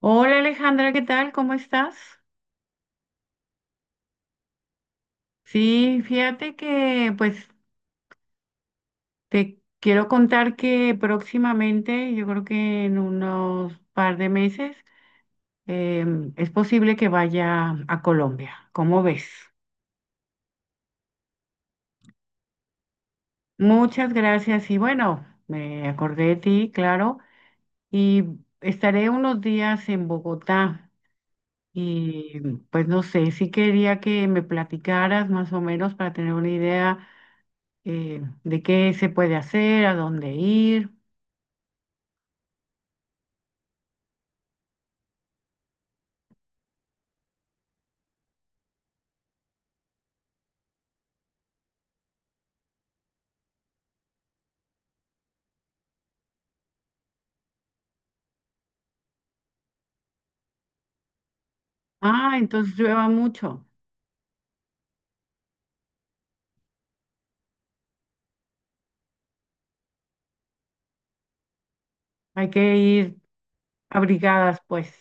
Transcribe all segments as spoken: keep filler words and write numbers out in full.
Hola Alejandra, ¿qué tal? ¿Cómo estás? Sí, fíjate que pues te quiero contar que próximamente, yo creo que en unos par de meses, em, es posible que vaya a Colombia. ¿Cómo ves? Muchas gracias y bueno, me acordé de ti, claro, y estaré unos días en Bogotá y pues no sé, sí quería que me platicaras más o menos para tener una idea eh, de qué se puede hacer, a dónde ir. Ah, entonces llueva mucho. Hay que ir abrigadas, pues.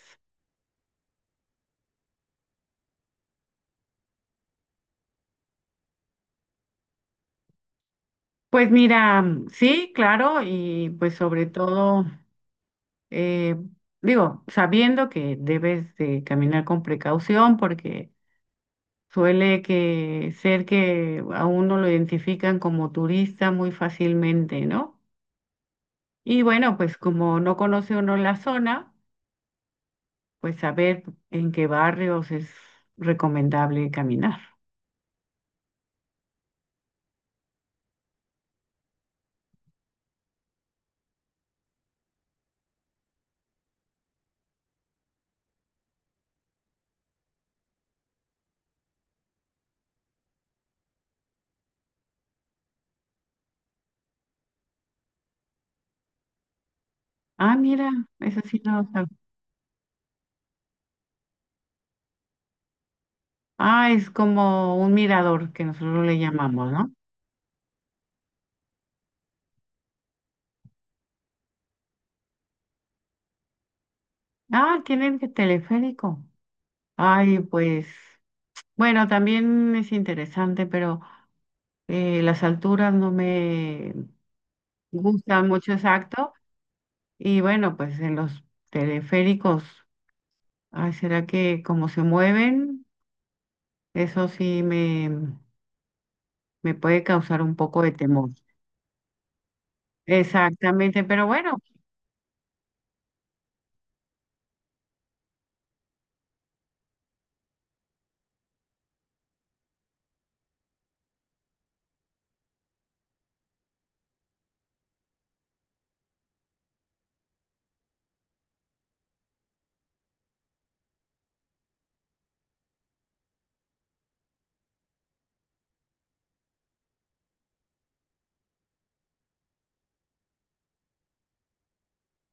Pues mira, mm, sí, claro, y pues sobre todo, eh, digo, sabiendo que debes de caminar con precaución porque suele que ser que a uno lo identifican como turista muy fácilmente, ¿no? Y bueno, pues como no conoce uno la zona, pues saber en qué barrios es recomendable caminar. Ah, mira, eso sí no lo sab- ah, es como un mirador que nosotros le llamamos, ¿no? Ah, tienen que teleférico. Ay, pues, bueno, también es interesante, pero eh, las alturas no me gustan mucho exacto. Y bueno, pues en los teleféricos, ay, ¿será que como se mueven? Eso sí me, me puede causar un poco de temor. Exactamente, pero bueno,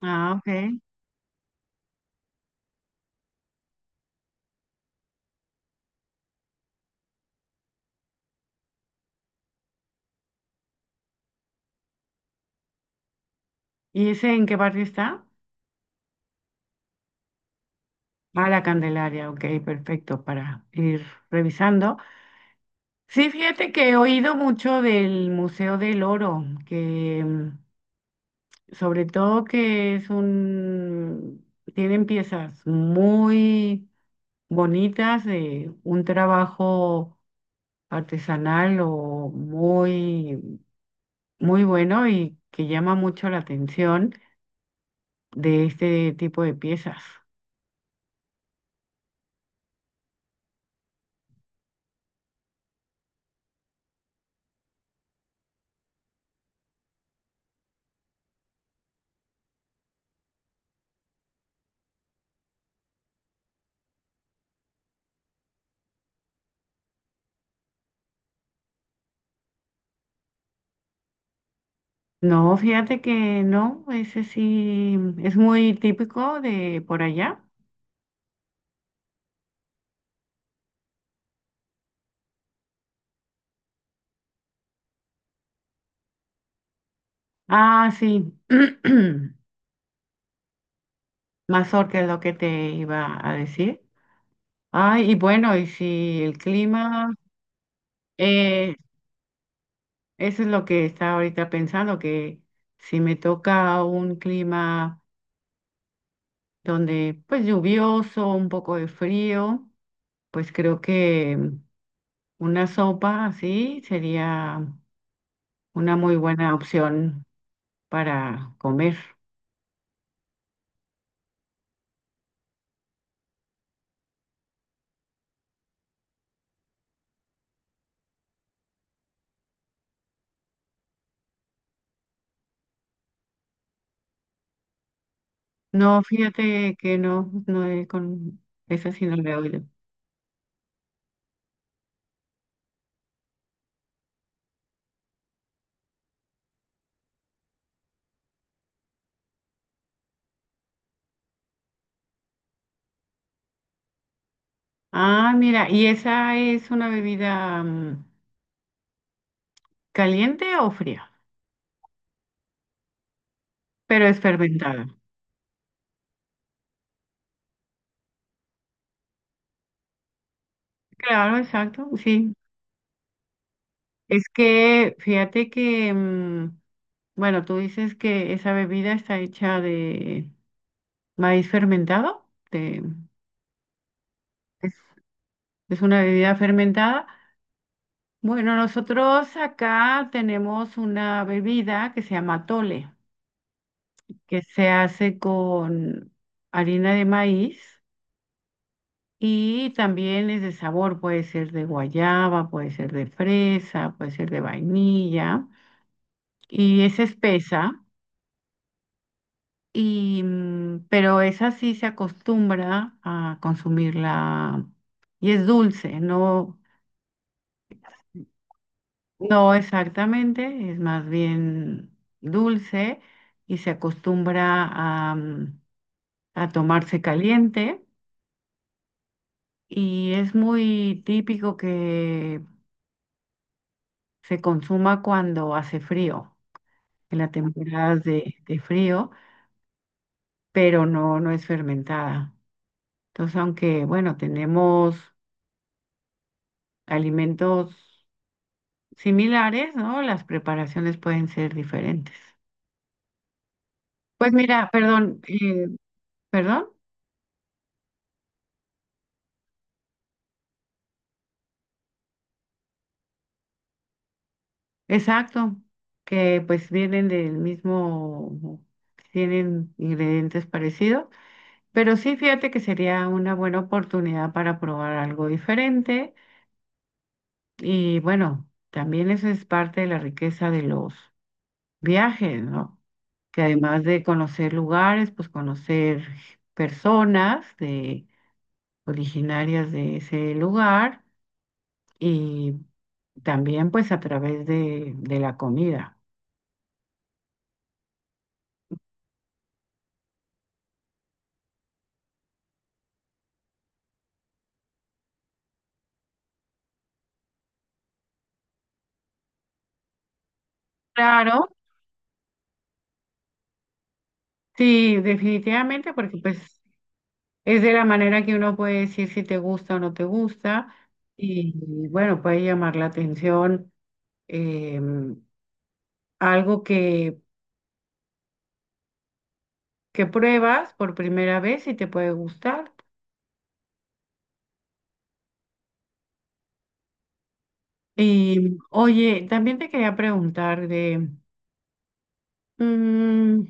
ah, ok. ¿Y ese en qué barrio está? Ah, la Candelaria, ok, perfecto, para ir revisando. Sí, fíjate que he oído mucho del Museo del Oro, que mm, sobre todo que es un, tienen piezas muy bonitas de un trabajo artesanal o muy, muy bueno y que llama mucho la atención de este tipo de piezas. No, fíjate que no, ese sí es muy típico de por allá. Ah, sí, mazorca es lo que te iba a decir. Ay, y bueno, y si el clima, eh, eso es lo que estaba ahorita pensando, que si me toca un clima donde pues lluvioso, un poco de frío, pues creo que una sopa así sería una muy buena opción para comer. No, fíjate que no, no he con esa sí no la he oído. Ah, mira, ¿y esa es una bebida mm, caliente o fría? Pero es fermentada. Claro, exacto, sí. Es que fíjate que, mm, bueno, tú dices que esa bebida está hecha de maíz fermentado, de- es, es una bebida fermentada. Bueno, nosotros acá tenemos una bebida que se llama tole, que se hace con harina de maíz y también es de sabor, puede ser de guayaba, puede ser de fresa, puede ser de vainilla y es espesa. Y, mm, pero esa sí se acostumbra a consumirla y es dulce, no, no exactamente, es más bien dulce y se acostumbra a, mm, a tomarse caliente y es muy típico que se consuma cuando hace frío, en las temporadas de, de frío, pero no, no es fermentada. Entonces, aunque, bueno, tenemos alimentos similares, ¿no? Las preparaciones pueden ser diferentes. Pues mira, perdón, eh, perdón, exacto, que pues vienen del mismo, tienen ingredientes parecidos. Pero sí, fíjate que sería una buena oportunidad para probar algo diferente. Y bueno, también eso es parte de la riqueza de los viajes, ¿no? Que además de conocer lugares, pues conocer personas de, originarias de ese lugar y también pues a través de, de la comida. Claro, sí, definitivamente, porque pues es de la manera que uno puede decir si te gusta o no te gusta y bueno, puede llamar la atención eh, algo que, que pruebas por primera vez y te puede gustar. Y oye, también te quería preguntar de mm,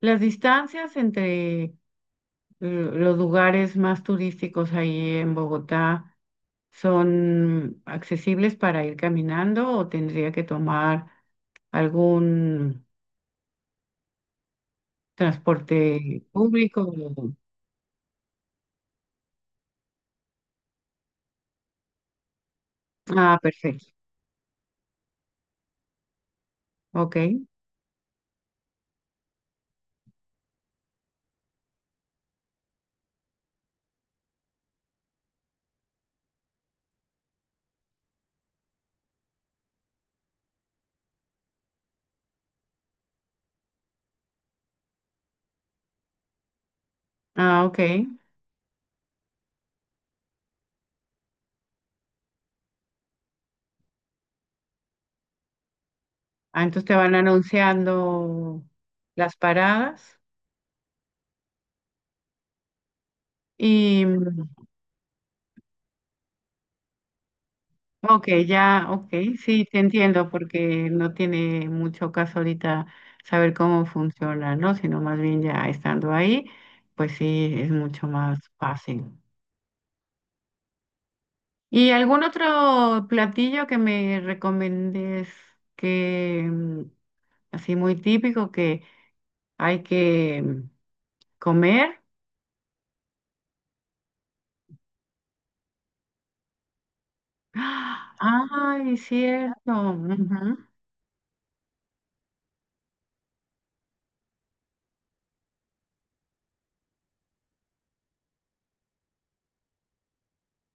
las distancias entre eh, los lugares más turísticos ahí en Bogotá, ¿son accesibles para ir caminando o tendría que tomar algún... transporte público? Ah, perfecto. Ok. Ah, ok. Ah, entonces te van anunciando las paradas. Y, mm, ok, ya, ok, sí, te entiendo, porque no tiene mucho caso ahorita saber cómo funciona, ¿no? Sino más bien ya estando ahí, pues sí, es mucho más fácil. ¿Y algún otro platillo que me recomiendes que, mm, así muy típico, que hay que mm, comer? ¡Ah! Ay, cierto. Ujú.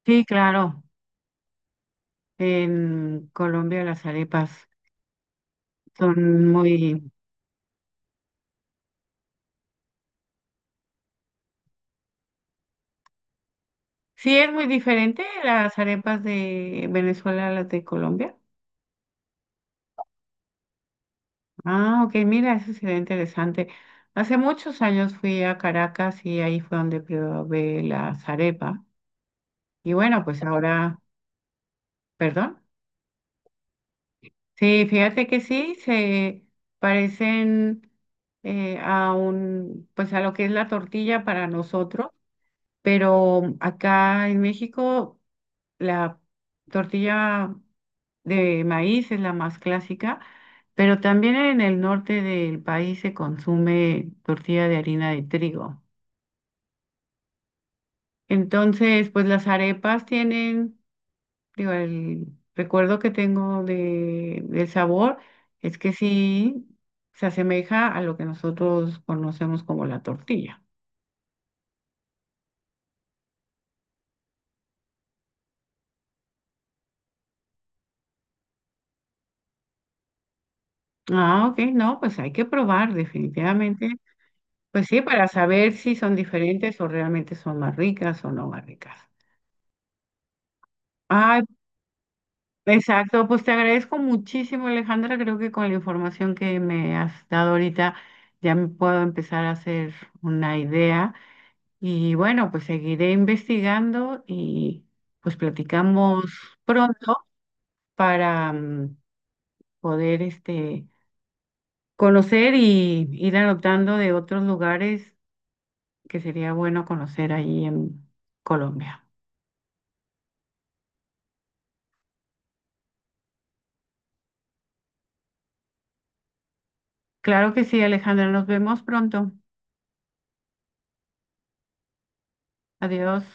Sí, claro. En Colombia las arepas son muy... Sí, es muy diferente las arepas de Venezuela a las de Colombia. Ah, ok, mira, eso sería interesante. Hace muchos años fui a Caracas y ahí fue donde probé las arepas. Y bueno, pues ahora, perdón. Sí, fíjate que sí, se parecen eh, a un, pues a lo que es la tortilla para nosotros, pero acá en México la tortilla de maíz es la más clásica, pero también en el norte del país se consume tortilla de harina de trigo. Entonces, pues las arepas tienen... Digo, el recuerdo que tengo de, del sabor es que sí se asemeja a lo que nosotros conocemos como la tortilla. Ah, ok, no, pues hay que probar definitivamente. Pues sí, para saber si son diferentes o realmente son más ricas o no más ricas. Ah, exacto, pues te agradezco muchísimo, Alejandra. Creo que con la información que me has dado ahorita ya me puedo empezar a hacer una idea. Y bueno, pues seguiré investigando y pues platicamos pronto para mm, poder este, conocer y ir anotando de otros lugares que sería bueno conocer ahí en Colombia. Claro que sí, Alejandra, nos vemos pronto. Adiós.